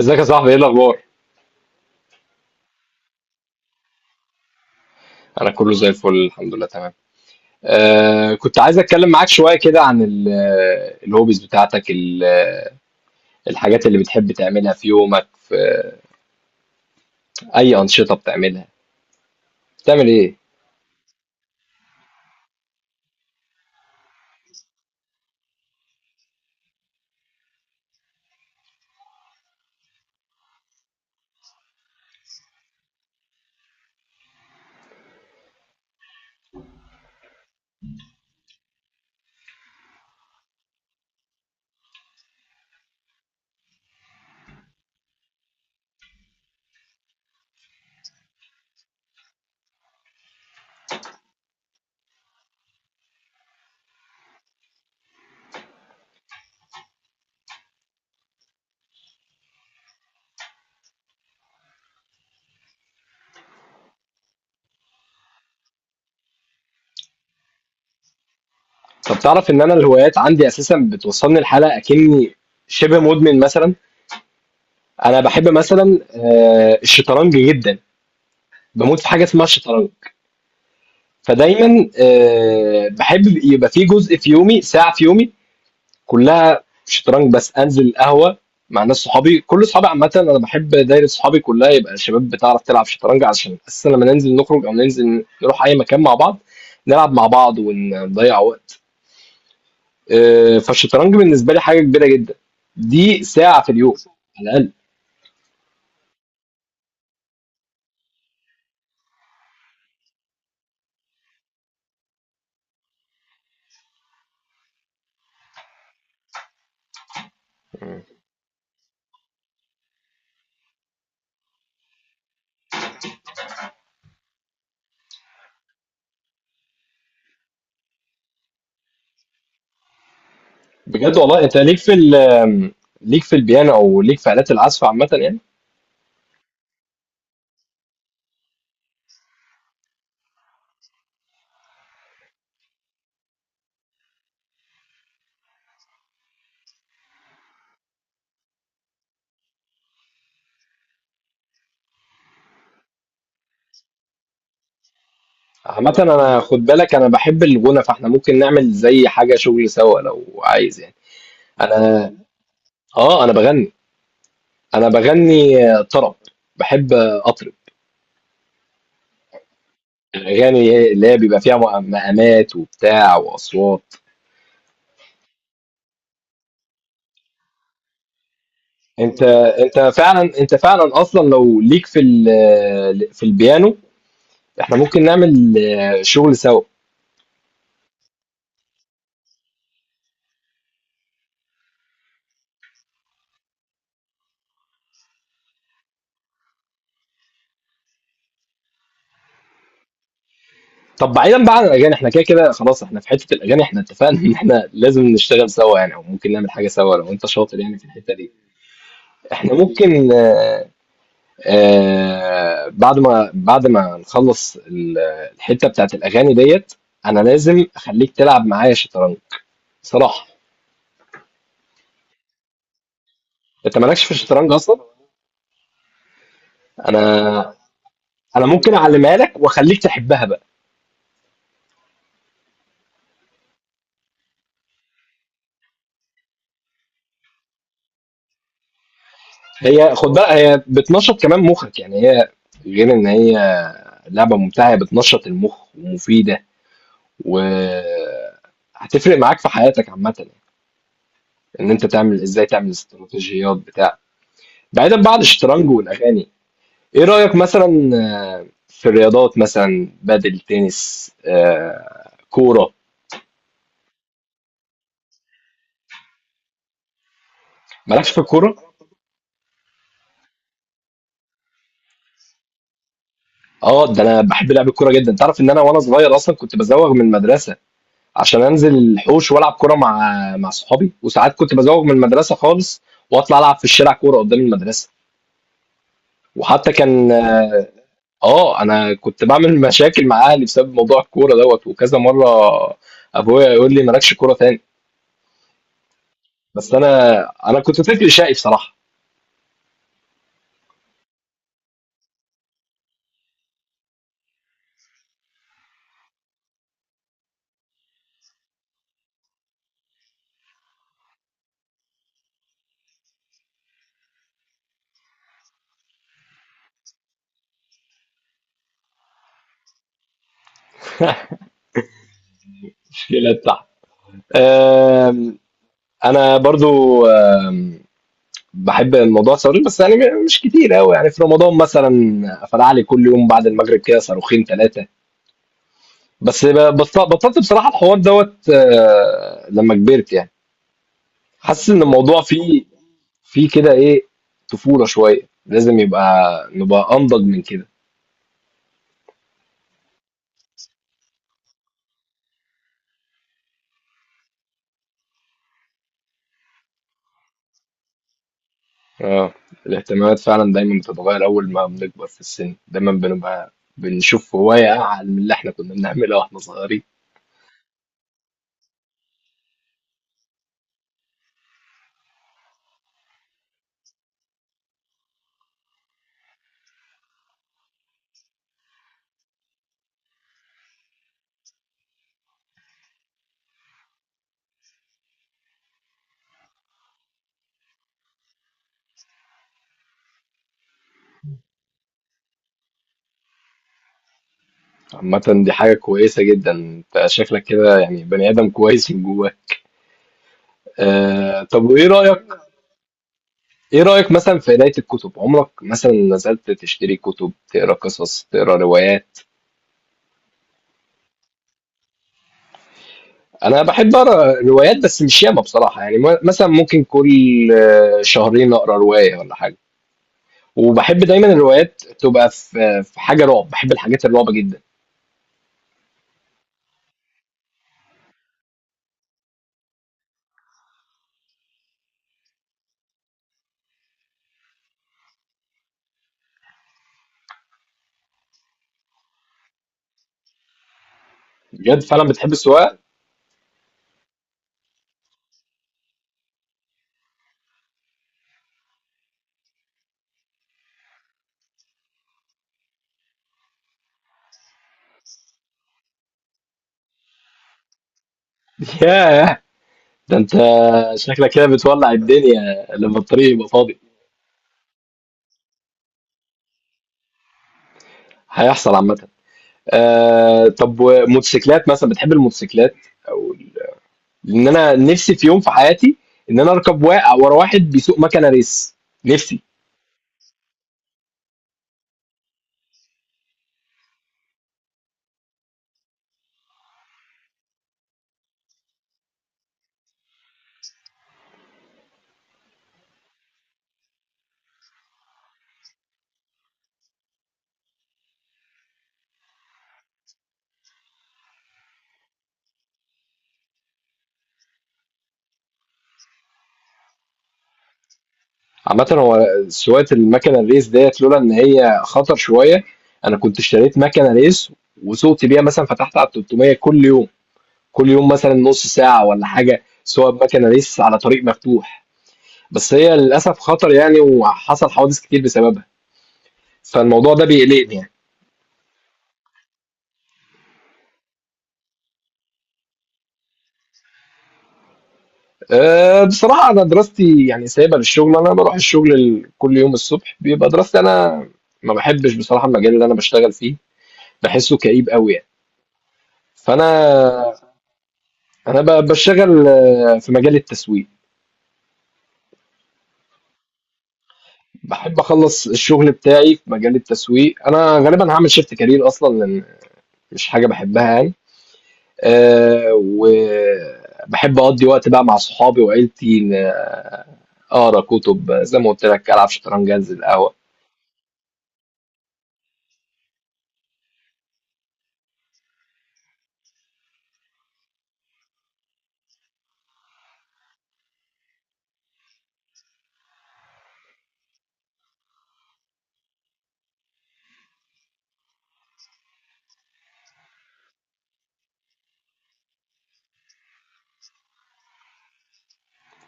ازيك يا صاحبي، ايه الاخبار؟ انا كله زي الفل، الحمد لله، تمام. كنت عايز اتكلم معاك شويه كده عن الهوبيز بتاعتك، الحاجات اللي بتحب تعملها في يومك، في اي انشطه بتعملها، بتعمل ايه؟ طب تعرف ان انا الهوايات عندي اساسا بتوصلني لحاله اكني شبه مدمن مثلا. انا بحب مثلا الشطرنج جدا، بموت في حاجه اسمها الشطرنج. فدايما بحب يبقى في جزء في يومي، ساعه في يومي كلها شطرنج، بس انزل القهوه مع ناس صحابي، كل صحابي. عامه انا بحب دايره صحابي كلها يبقى شباب بتعرف تلعب شطرنج، عشان اساسا لما ننزل نخرج او ننزل نروح اي مكان مع بعض نلعب مع بعض ونضيع وقت. فالشطرنج بالنسبه لي حاجه كبيره جدا، دي ساعه في اليوم على الاقل. بجد والله، انت ليك في ليك في البيانو، او ليك في الات العزف عامه يعني؟ عامة أنا خد بالك، أنا بحب الغنى، فإحنا ممكن نعمل زي حاجة شغل سوا لو عايز يعني. أنا، أنا بغني، انا بغني طرب، بحب اطرب الاغاني اللي هي بيبقى فيها مقامات وبتاع واصوات. انت انت فعلا اصلا لو ليك في في البيانو، احنا ممكن نعمل شغل سوا. طب بعيدا بقى عن الاغاني، احنا كده كده خلاص، احنا في حته الاغاني، احنا اتفقنا ان احنا لازم نشتغل سوا يعني، او ممكن نعمل حاجه سوا لو انت شاطر يعني في الحته دي. احنا ممكن، بعد ما نخلّص الحتّة بتاعة الأغاني ديّة، أنا لازم أخلّيك تلعب معايا شطرنج، بصراحة. أنت ما لكش في الشطرنج أصلًا؟ أنا أنا ممكن أعلّمها لك وأخلّيك تحبّها بقى. هي خُد بالك، هي بتنشّط كمان مُخّك، يعني هي، غير إن هي لعبة ممتعة، هي بتنشّط المُخ ومفيدة، و هتفرق معاك في حياتك عامةً، إن أنت تعمل إزاي تعمل استراتيجيات بتاع. بعيدًا بقى عن الشطرنج والأغاني يعني. ايه رأيك مثلا في الرياضات، مثلا بدل تنس كورة؟ مالكش في الكورة؟ اه، ده انا بحب لعب الكورة جدا. تعرف ان انا وانا صغير اصلا كنت بزوغ من المدرسة عشان انزل الحوش والعب كورة مع، مع صحابي، وساعات كنت بزوغ من المدرسة خالص واطلع العب في الشارع كورة قدام المدرسة. وحتى كان، اه انا كنت بعمل مشاكل مع اهلي بسبب موضوع الكورة دوت، وكذا مرة ابويا يقول لي مالكش كورة تاني. بس انا كنت طفل شقي بصراحة. في البتاع. آم، انا برضو بحب الموضوع الصاروخ، بس يعني مش كتير قوي، يعني في رمضان مثلا فلع لي كل يوم بعد المغرب كده صاروخين ثلاثه. بس بطلت بصراحه الحوار دوت، لما كبرت يعني. حاسس ان الموضوع فيه، فيه كده ايه، طفوله شويه، لازم يبقى نبقى انضج من كده. اه، الاهتمامات فعلا دايما بتتغير، اول ما بنكبر في السن دايما بنبقى بنشوف هوايه اعلى من اللي احنا كنا بنعملها واحنا صغيرين. عامة دي حاجة كويسة جدا، انت شكلك كده يعني بني آدم كويس من جواه. طب، وإيه رأيك مثلا في قراية الكتب؟ عمرك مثلا نزلت تشتري كتب، تقرا قصص، تقرا روايات؟ أنا بحب أقرا روايات بس مش ياما بصراحة، يعني مثلا ممكن كل شهرين أقرا رواية ولا حاجة. وبحب دايما الروايات تبقى في، حاجة رعب، بحب الحاجات الرعب جدا. بجد فعلا بتحب السواقة؟ ياه، ده انت شكلك كده بتولع الدنيا لما الطريق يبقى فاضي. هيحصل عامة. طب، وموتوسيكلات مثلا؟ بتحب الموتوسيكلات، او ال- لان انا نفسي في يوم في حياتي ان انا اركب ورا واحد بيسوق مكنه ريس، نفسي. عامه هو سواقه المكنه الريس ديت لولا ان هي خطر شويه، انا كنت اشتريت مكنه ريس وسوقت بيها، مثلا فتحت على 300 كل يوم، كل يوم مثلا نص ساعه ولا حاجه، سواء بمكنه ريس على طريق مفتوح. بس هي للاسف خطر يعني، وحصل حوادث كتير بسببها، فالموضوع ده بيقلقني يعني. بصراحة أنا دراستي يعني سايبها للشغل، أنا باروح الشغل كل يوم الصبح بيبقى دراستي، أنا ما باحبش بصراحة المجال اللي أنا باشتغل فيه، باحسه كئيب أوي يعني، فأنا أنا ب باشتغل في مجال التسويق، باحب أخلّص الشغل بتاعي في مجال التسويق. أنا غالبًا هاعمل shift career أصلًا، لإن مش حاجة باحبها يعني. وباحب أقضّي وقت بقى مع صحابي وعيلتي، ن آه، أقرا كُتب زي ما قُلت لك، ألعب شطرنج، أنزل القهوة.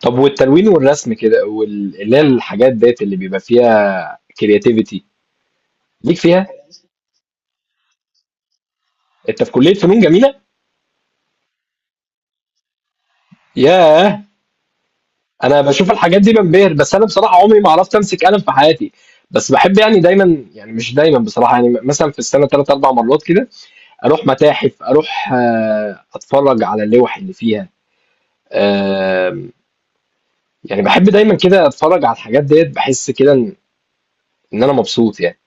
طب والتلوين والرسم كده اللي هي الحاجات ديت اللي بيبقى فيها كرياتيفيتي، ليك فيها؟ انت في كلية فنون جميلة؟ ياه. انا بشوف الحاجات دي بنبهر، بس انا بصراحة عمري ما عرفت امسك قلم في حياتي. بس بحب يعني دايما، يعني مش دايما بصراحة يعني، مثلا في السنة ثلاث اربع مرات كده اروح متاحف، اروح اتفرج على اللوح اللي فيها. آه، يعني بحب دايما كده اتفرج على الحاجات ديت، بحس كده ان، إن انا مبسوط يعني.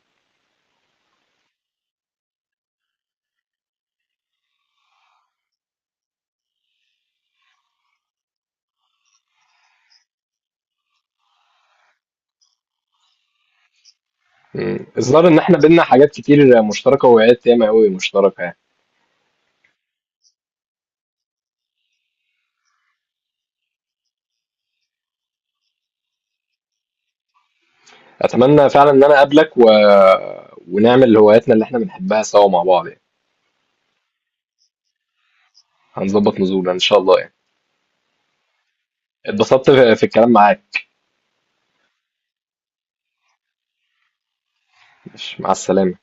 مم. الظاهر ان احنا بينا حاجات كتير مشتركة وهوايات ياما قوي مشتركة يعني. اتمنى فعلا ان انا اقابلك، و... ونعمل هواياتنا اللي احنا بنحبها سوا مع بعض يعني. هنظبط نزولنا ان شاء الله يعني. اتبسطت في، الكلام معاك. مش مع السلامة.